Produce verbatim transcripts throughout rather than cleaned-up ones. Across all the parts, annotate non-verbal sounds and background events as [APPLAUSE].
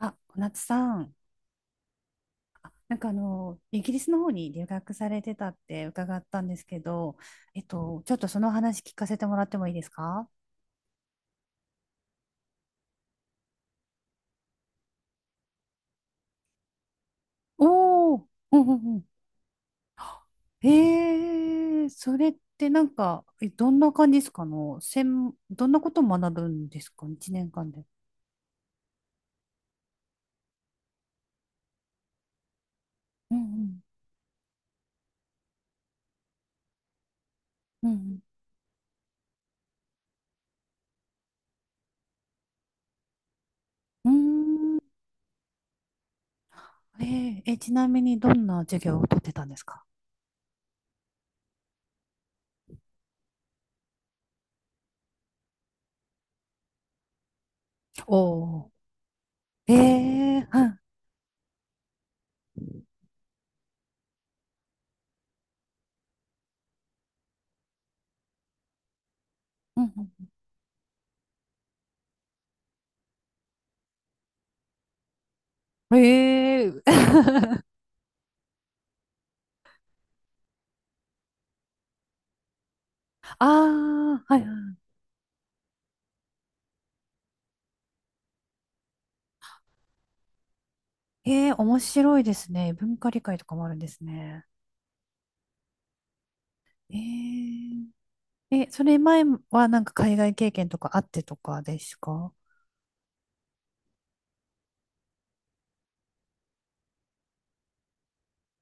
あ、小夏さん、なんかあの、イギリスの方に留学されてたって伺ったんですけど、えっと、ちょっとその話聞かせてもらってもいいですか？おおー、うんうんうん。へえ、それってなんか、えどんな感じですかの、専どんなことを学ぶんですか、いちねんかんで。うんうん。うんうん。うーん。えー、え、ちなみにどんな授業をとってたんですか？おおー、ええ、はい。うんうんええ、 [LAUGHS] ああ、はいはい。ええ、面白いですね。文化理解とかもあるんですね。ええ、え、それ前はなんか海外経験とかあってとかですか？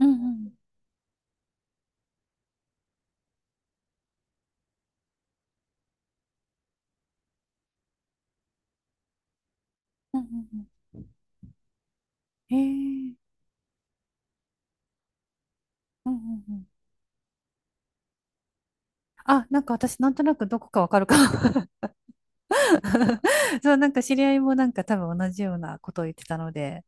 うんうんうんうんええー、うんうんうん。あ、なんか私なんとなくどこかわかるかも。 [LAUGHS] そう、なんか知り合いもなんか多分同じようなことを言ってたので。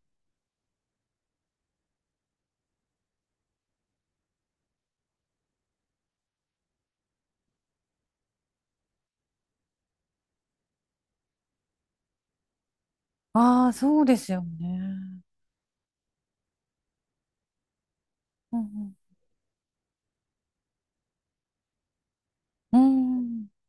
ああ、そうですよね。うんうん。うん。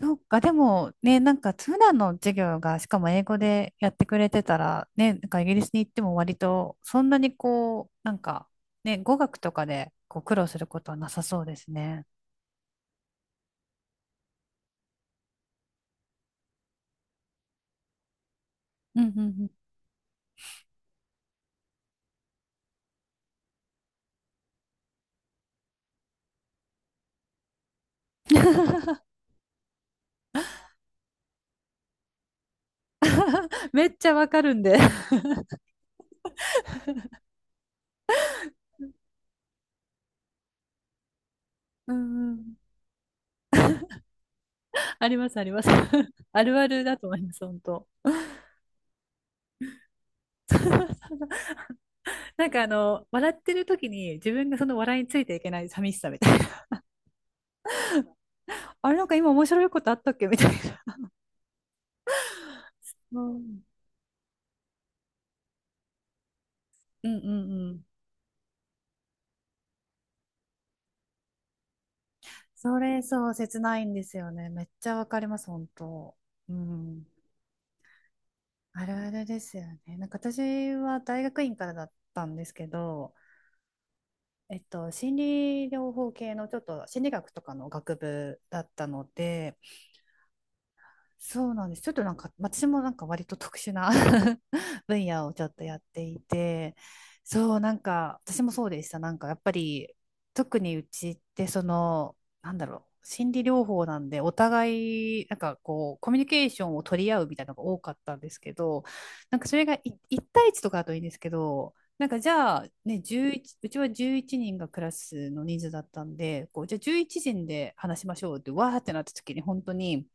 そうか、でもね、なんか普段の授業がしかも英語でやってくれてたら、ね、なんかイギリスに行っても割とそんなにこう、なんか、ね、語学とかでこう苦労することはなさそうですね。うんうんうん。[LAUGHS] めっちゃわかるんで。うんうん。ありますあります。[LAUGHS] あるあるだと思います、本当。なんかあの、笑ってる時に自分がその笑いについていけない寂しさみたいな。[LAUGHS] あれなんか今面白いことあったっけみたいな。[LAUGHS] うんうんうんうん。それそう、切ないんですよね。めっちゃわかります、本当。うん。あるあるですよね。なんか私は大学院からだったんですけど、えっと、心理療法系のちょっと心理学とかの学部だったので、そうなんです。ちょっとなんか、私もなんか割と特殊な [LAUGHS] 分野をちょっとやっていて、そう、なんか、私もそうでした。なんか、やっぱり、特にうちって、その、なんだろう、心理療法なんで、お互い、なんかこう、コミュニケーションを取り合うみたいなのが多かったんですけど、なんかそれがい一対一とかだといいんですけど、なんかじゃあ、ね、じゅういち、うちはじゅういちにんがクラスの人数だったんで、こう、じゃあじゅういちにんで話しましょうって、わーってなった時に、本当に、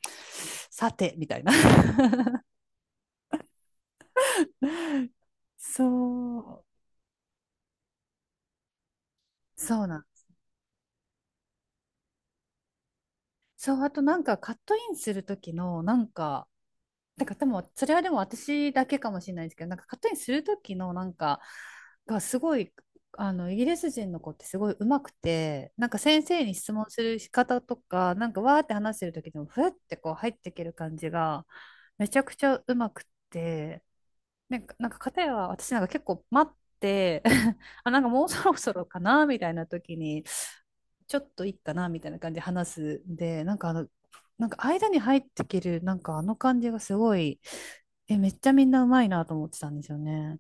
さて、みたいな。[LAUGHS] そう、そうなん。そう、あとなんかカットインする時の、なんか、だからでも、それはでも私だけかもしれないですけど、なんかカットインする時のなんか、がすごい、あの、イギリス人の子ってすごい上手くて、なんか先生に質問する仕方とか、なんかわーって話してる時でも、ふってこう入っていける感じが、めちゃくちゃ上手くて、なんか、なんか片や私なんか結構待って。 [LAUGHS] あ、なんかもうそろそろかなみたいな時に、ちょっといいかなみたいな感じで話すんで、なんかあの、なんか間に入ってきる、なんかあの感じがすごい、え、めっちゃみんなうまいなと思ってたんですよね。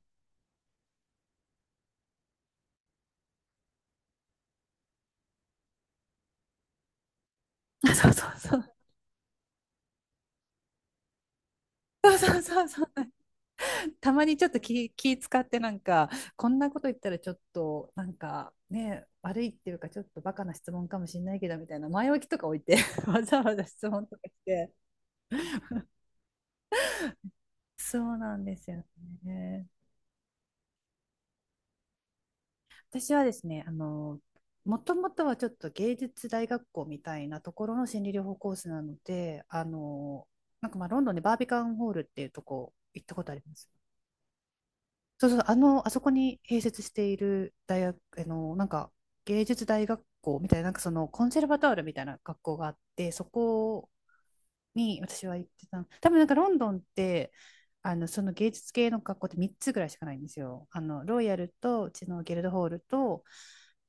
[LAUGHS] そうそうそう。そうそうそうそう。[LAUGHS] たまにちょっと気、気使ってなんか、こんなこと言ったらちょっと、なんかね、悪いっていうか、ちょっとバカな質問かもしれないけど、みたいな前置きとか置いて [LAUGHS] わざわざ質問とかして、そうなんですよね。私はですね、あの、もともとはちょっと芸術大学校みたいなところの心理療法コースなので、あの、なんかまあロンドンでバービカンホールっていうとこ行ったことあります。そうそう、あの、あそこに併設している大学、あの、なんか芸術大学校みたいな、なんかそのコンセルバトールみたいな学校があって、そこに私は行ってたの。多分なんかロンドンってあのその芸術系の学校ってみっつぐらいしかないんですよ。あのロイヤルとうちのギルドホールと、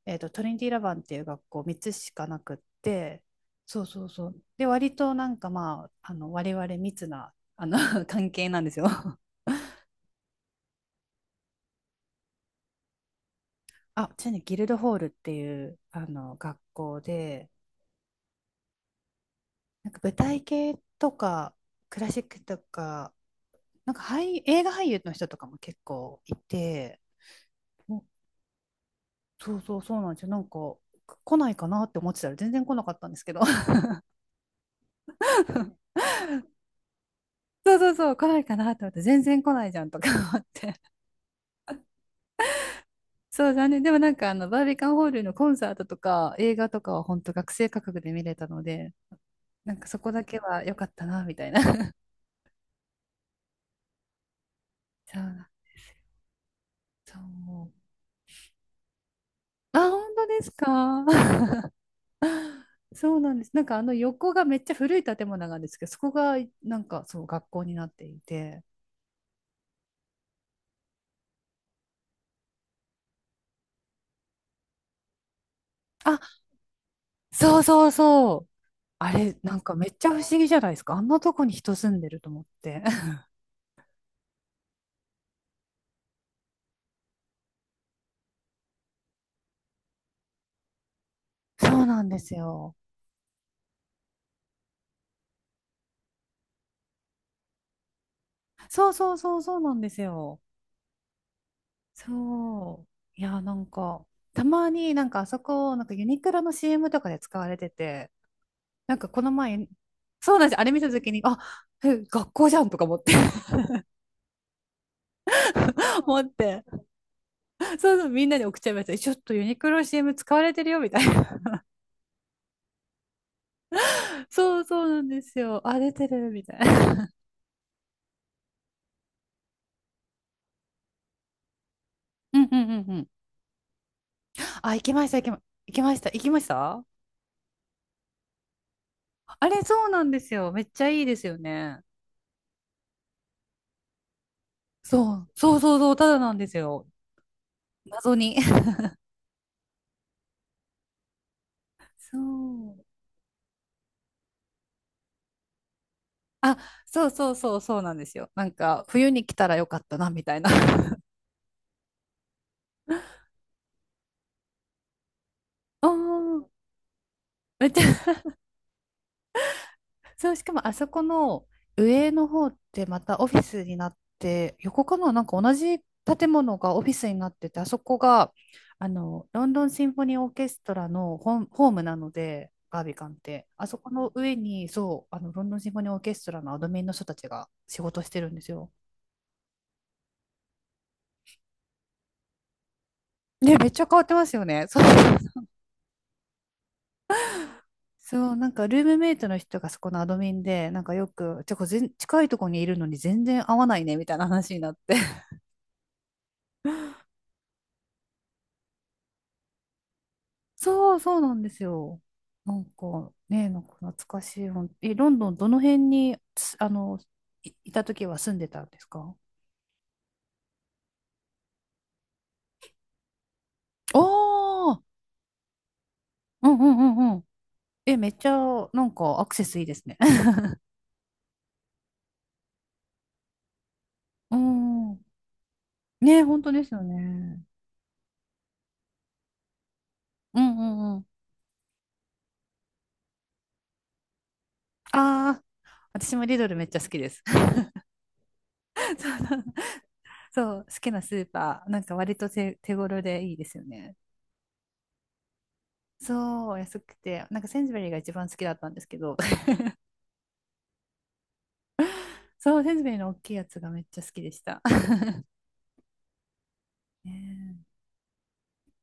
えーとトリニティ・ラバンっていう学校みっつしかなくって、そうそうそうで割となんかまああの我々密なあの [LAUGHS] 関係なんですよ。[LAUGHS] あ、ちなみにギルドホールっていうあの学校で、なんか舞台系とかクラシックとか、なんか俳映画俳優の人とかも結構いて。もそうそうそうなんですよ。なんか来ないかなって思ってたら全然来なかったんですけど。 [LAUGHS] そうそうそう来ないかなって思って全然来ないじゃんとか思って。 [LAUGHS] そう、残念でもなんかあのバービカンホールのコンサートとか映画とかは本当学生価格で見れたので、なんかそこだけは良かったなみたいな。 [LAUGHS] そうそう、あ、本当ですか？ [LAUGHS] そうなんです、なんかあの横がめっちゃ古い建物なんですけど、そこがなんかそう学校になっていて、あ、そうそうそう。あれ、なんかめっちゃ不思議じゃないですか。あんなとこに人住んでると思って。[LAUGHS] そうなんですよ。そうそうそうそうなんですよ。そう。いや、なんか、たまになんかあそこ、なんかユニクロの シーエム とかで使われてて、なんかこの前、そうなんです。あれ見たときに、あ、え、学校じゃんとか思って。 [LAUGHS] 思って、そうそう、みんなに送っちゃいました。えちょっとユニクロ シーエム 使われてるよみたいな。[LAUGHS] そうそうなんですよ。あ、出てるみたいな。うんうんうん、あ、行きました、行きま、行きました、行きました。あれ、そうなんですよ。めっちゃいいですよね。そう、そうそうそう、ただなんですよ。謎に。[LAUGHS] そう。あ、そうそうそう、そうなんですよ。なんか、冬に来たらよかったな、みたいな。[LAUGHS] あ、めっちゃ、そう、しかもあそこの上の方ってまたオフィスになって、横かな、なんか同じ建物がオフィスになってて、あそこがあのロンドンシンフォニーオーケストラのホーム、ホームなので、バービカンって、あそこの上に、そう、あのロンドンシンフォニーオーケストラのアドミンの人たちが仕事してるんですよ。ね、めっちゃ変わってますよね。[LAUGHS] そう、そう、なんかルームメイトの人がそこのアドミンで、なんかよく、てか全近いとこにいるのに全然合わないねみたいな話になって。そう、そうなんですよ。なんかね、なんか懐かしい。ほんえ、ロンドンどの辺に、つあの、い、いた時は住んでたんですか？おー、うんうんうんうん。え、めっちゃ、なんかアクセスいいですね。[LAUGHS] うん。ね、本当ですよね。うんうんうん。ああ、私もリドルめっちゃ好きです。[LAUGHS] そうそう、そう好きなスーパー、なんか割と手、手頃でいいですよね。そう、安くて、なんかセンズベリーが一番好きだったんですけど、そう、せんべいの大きいやつがめっちゃ好きでした。[LAUGHS] ねえ